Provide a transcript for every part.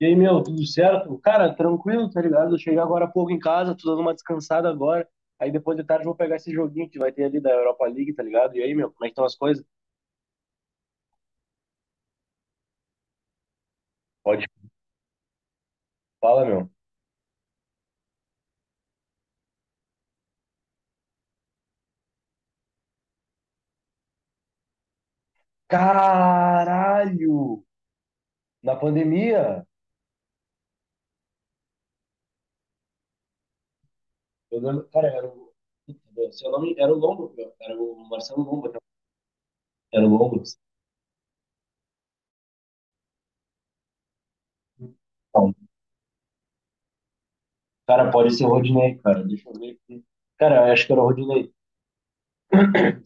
E aí, meu, tudo certo? Cara, tranquilo, tá ligado? Eu cheguei agora há pouco em casa, tô dando uma descansada agora. Aí depois de tarde eu vou pegar esse joguinho que vai ter ali da Europa League, tá ligado? E aí, meu, como é que estão as coisas? Pode falar, meu. Caralho! Na pandemia, eu lembro, cara, era o, se eu era o Lombo, meu, era o Marcelo Lombo, era o Lombo. Não, cara, pode ser o Rodinei, cara, deixa eu ver aqui. Cara, eu acho que era o Rodinei.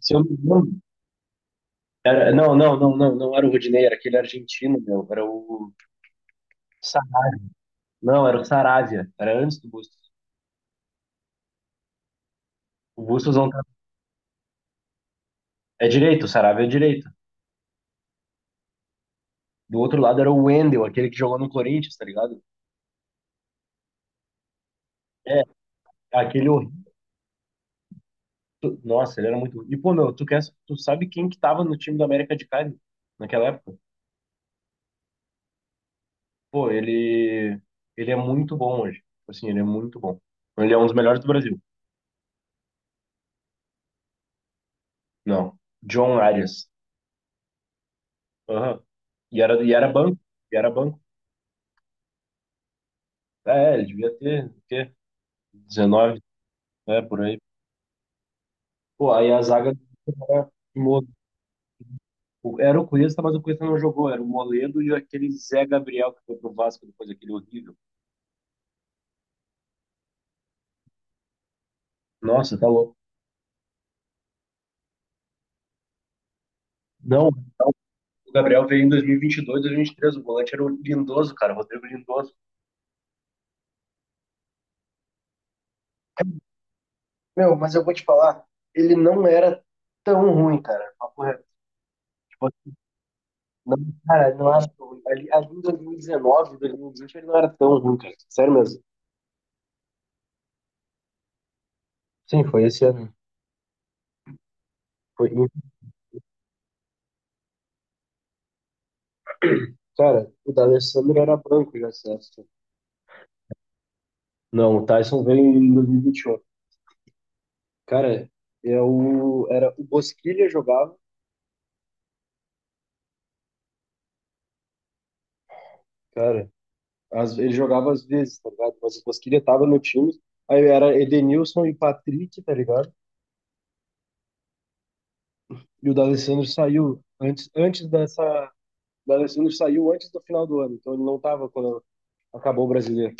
Se eu não me lembro, não, não, não, não, não era o Rodinei, era aquele argentino, meu, Sa- Não, era o Saravia. Era antes do Bustos. O Bustos não tá, é direito, o Saravia é direito. Do outro lado era o Wendel, aquele que jogou no Corinthians, tá ligado? É, aquele horrível. Nossa, ele era muito ruim. E, pô, meu, tu sabe quem que tava no time do América de Cali naquela época? Pô, ele. Ele é muito bom hoje. Tipo assim, ele é muito bom. Ele é um dos melhores do Brasil. Não. John Arias. Aham. E era banco. E era banco. É, ele devia ter, o quê? 19. É, por aí. Pô, aí a zaga era era o Cuesta, mas o Cuesta não jogou. Era o Moledo e aquele Zé Gabriel que foi pro Vasco depois, aquele horrível. Nossa, tá louco. Não, o Gabriel veio em 2022, 2023. O volante era o Lindoso, cara, o Rodrigo Lindoso. Meu, mas eu vou te falar, ele não era tão ruim, cara. Papo reto. Tipo, não, cara, não era tão ruim. Ali em 2019, 2020, ele não era tão ruim, cara. Sério mesmo. Sim, foi esse ano. Foi, cara, o D'Alessandro era branco já, certo? Não, o Tyson veio em 2021. Cara, é era o Bosquilha jogava, cara. Ele jogava às vezes, tá ligado? Mas o Bosquilha tava no time. Aí era Edenilson e Patrick, tá ligado? E o D'Alessandro saiu antes dessa. O D'Alessandro saiu antes do final do ano, então ele não tava quando acabou o brasileiro.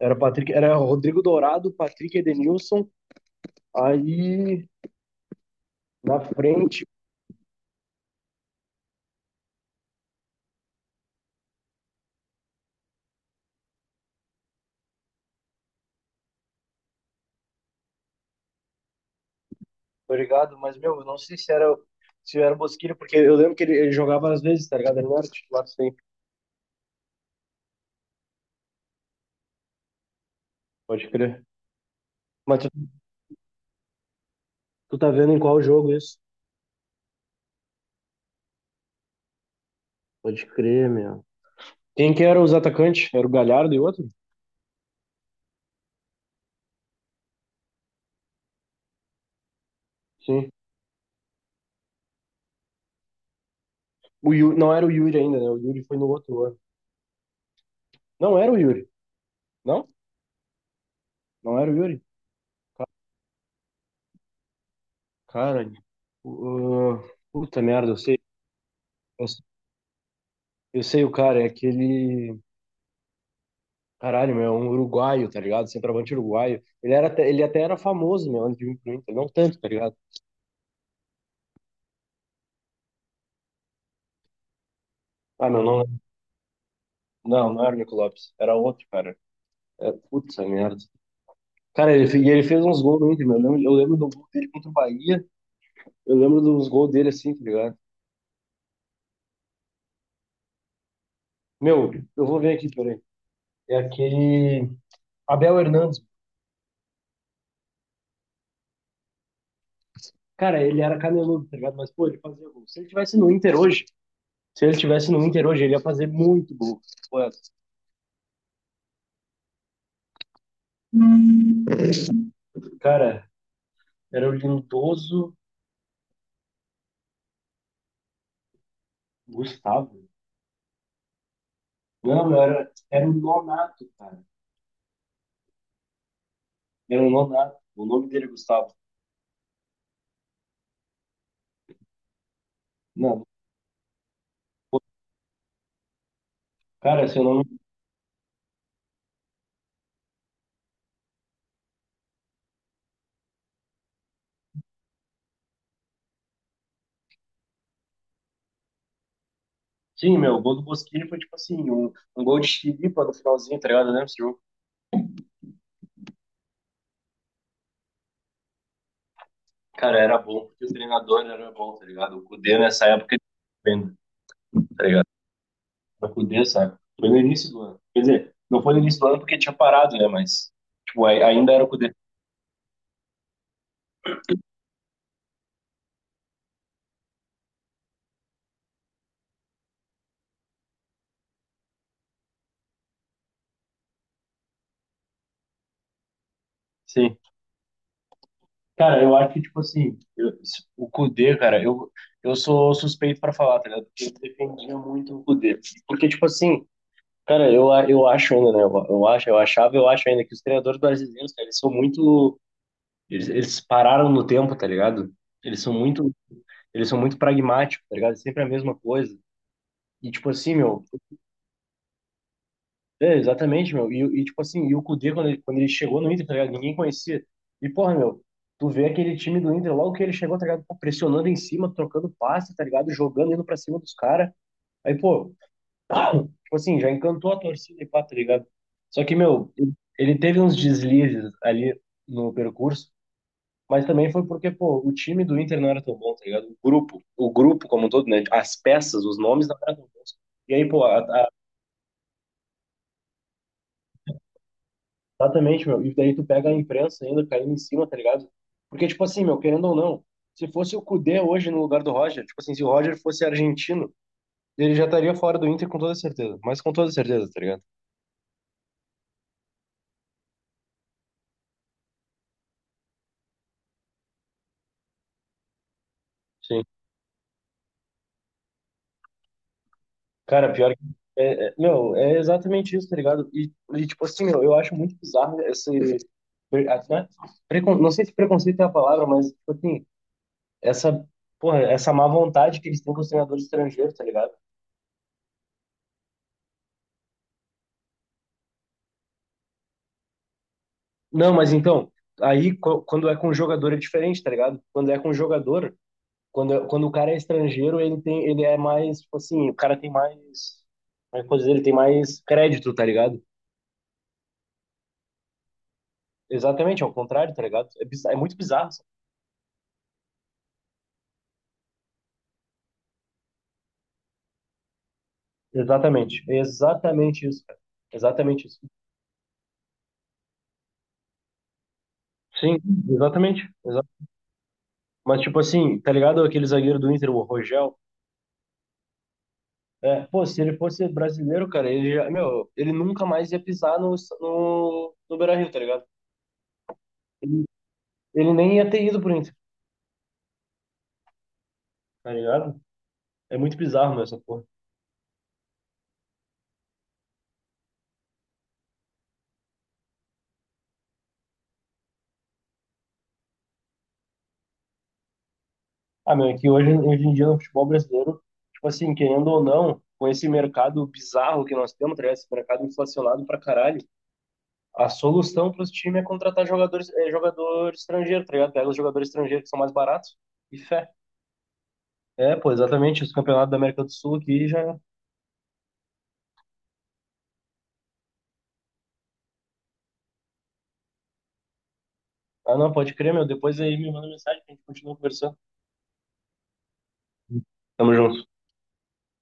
Era Patrick, era Rodrigo Dourado, Patrick Edenilson, aí na frente, tá ligado? Mas, meu, eu não sei se era o Bosquilha, porque eu lembro que ele jogava às vezes, tá ligado? Ele não era titular sempre, pode crer. Mas tu tá vendo em qual jogo isso? Pode crer, meu. Quem que era os atacantes? Era o Galhardo e o outro? Sim. O Yuri, não era o Yuri ainda, né? O Yuri foi no outro ano. Não era o Yuri. Não? Não era o Yuri. Cara, uh, puta merda, eu sei. Eu, eu sei o cara, é aquele. Caralho, meu, é um uruguaio, tá ligado? Centroavante uruguaio. Ele até era famoso, meu, antes de vir pro Inter. Não tanto, tá ligado? Ah, meu, não, não, não era o Nico Lopes. Era outro, cara. É, puta merda. Cara, e ele fez uns gols no Inter, meu. Eu lembro do gol dele contra o Bahia. Eu lembro dos gols dele assim, tá ligado? Meu, eu vou ver aqui, peraí. É aquele. Abel Hernandes. Cara, ele era caneludo, tá ligado? Mas, pô, ele fazia gol. Se ele tivesse no Inter hoje, ele ia fazer muito gol. Pô, cara, era o Lindoso Gustavo. Não, era o Nonato, cara. Era o Nonato. O nome dele é Gustavo. Não, cara, seu nome. Sim, meu, o gol do Bosquilha foi tipo assim, um gol de chilipa no finalzinho, tá ligado? Né? Cara, era bom porque o treinador era bom, tá ligado? O Kudê nessa época, ele tava bem, tá ligado? O Kudê, sabe? Foi no início do ano. Quer dizer, não foi no início do ano porque tinha parado, né? Mas, tipo, ainda era o Kudê. Sim. Cara, eu acho que, tipo assim, o Kudê, cara, eu sou suspeito pra falar, tá ligado? Porque eu defendia muito o Kudê. Porque, tipo assim, cara, eu acho ainda, né? Eu acho ainda que os treinadores brasileiros, cara, eles são muito. Eles pararam no tempo, tá ligado? Eles são muito Eles são muito pragmáticos, tá ligado? É sempre a mesma coisa. E, tipo assim, meu, é, exatamente, meu. E, tipo assim, e o Kudê, quando ele chegou no Inter, tá ligado? Ninguém conhecia. E, porra, meu, tu vê aquele time do Inter, logo que ele chegou, tá ligado? Pô, pressionando em cima, trocando passe, tá ligado? Jogando, indo pra cima dos caras. Aí, pô, tipo assim, já encantou a torcida e pá, tá ligado? Só que, meu, ele teve uns deslizes ali no percurso. Mas também foi porque, pô, o time do Inter não era tão bom, tá ligado? O grupo como um todo, né? As peças, os nomes não eram tão bons. E aí, pô, exatamente, meu. E daí tu pega a imprensa ainda caindo em cima, tá ligado? Porque, tipo assim, meu, querendo ou não, se fosse o Cudê hoje no lugar do Roger, tipo assim, se o Roger fosse argentino, ele já estaria fora do Inter com toda certeza. Mas com toda certeza, tá ligado? Sim. Cara, pior que. Meu, é exatamente isso, tá ligado? E, tipo assim, meu, eu acho muito bizarro esse. Até, não sei se preconceito é a palavra, mas, tipo assim, essa. Porra, essa má vontade que eles têm com os treinadores estrangeiros, tá ligado? Não, mas então, aí quando é com um jogador é diferente, tá ligado? Quando é com um jogador, quando o cara é estrangeiro, ele é mais, tipo assim, o cara tem mais. Como é que eu posso dizer? Ele tem mais crédito, tá ligado? Exatamente, ao contrário, tá ligado? É muito bizarro. Exatamente, é exatamente isso, cara. Exatamente isso. Sim, exatamente. Mas, tipo assim, tá ligado aquele zagueiro do Inter, o Rogel? É, pô, se ele fosse brasileiro, cara, ele já, meu, ele nunca mais ia pisar no Beira-Rio, tá ligado? Ele, ele nem ia ter ido pro Inter, tá ligado? É muito bizarro, meu, essa porra. Ah, meu, é que hoje em dia no futebol brasileiro, tipo assim, querendo ou não, com esse mercado bizarro que nós temos, tá ligado? Esse mercado inflacionado pra caralho, a solução para os times é contratar jogadores, é, jogador estrangeiro, tá ligado? Pega os jogadores estrangeiros que são mais baratos e fé. É, pô, exatamente. Os campeonatos da América do Sul aqui já. Ah, não, pode crer, meu. Depois aí me manda mensagem que a gente continua conversando. Tamo junto.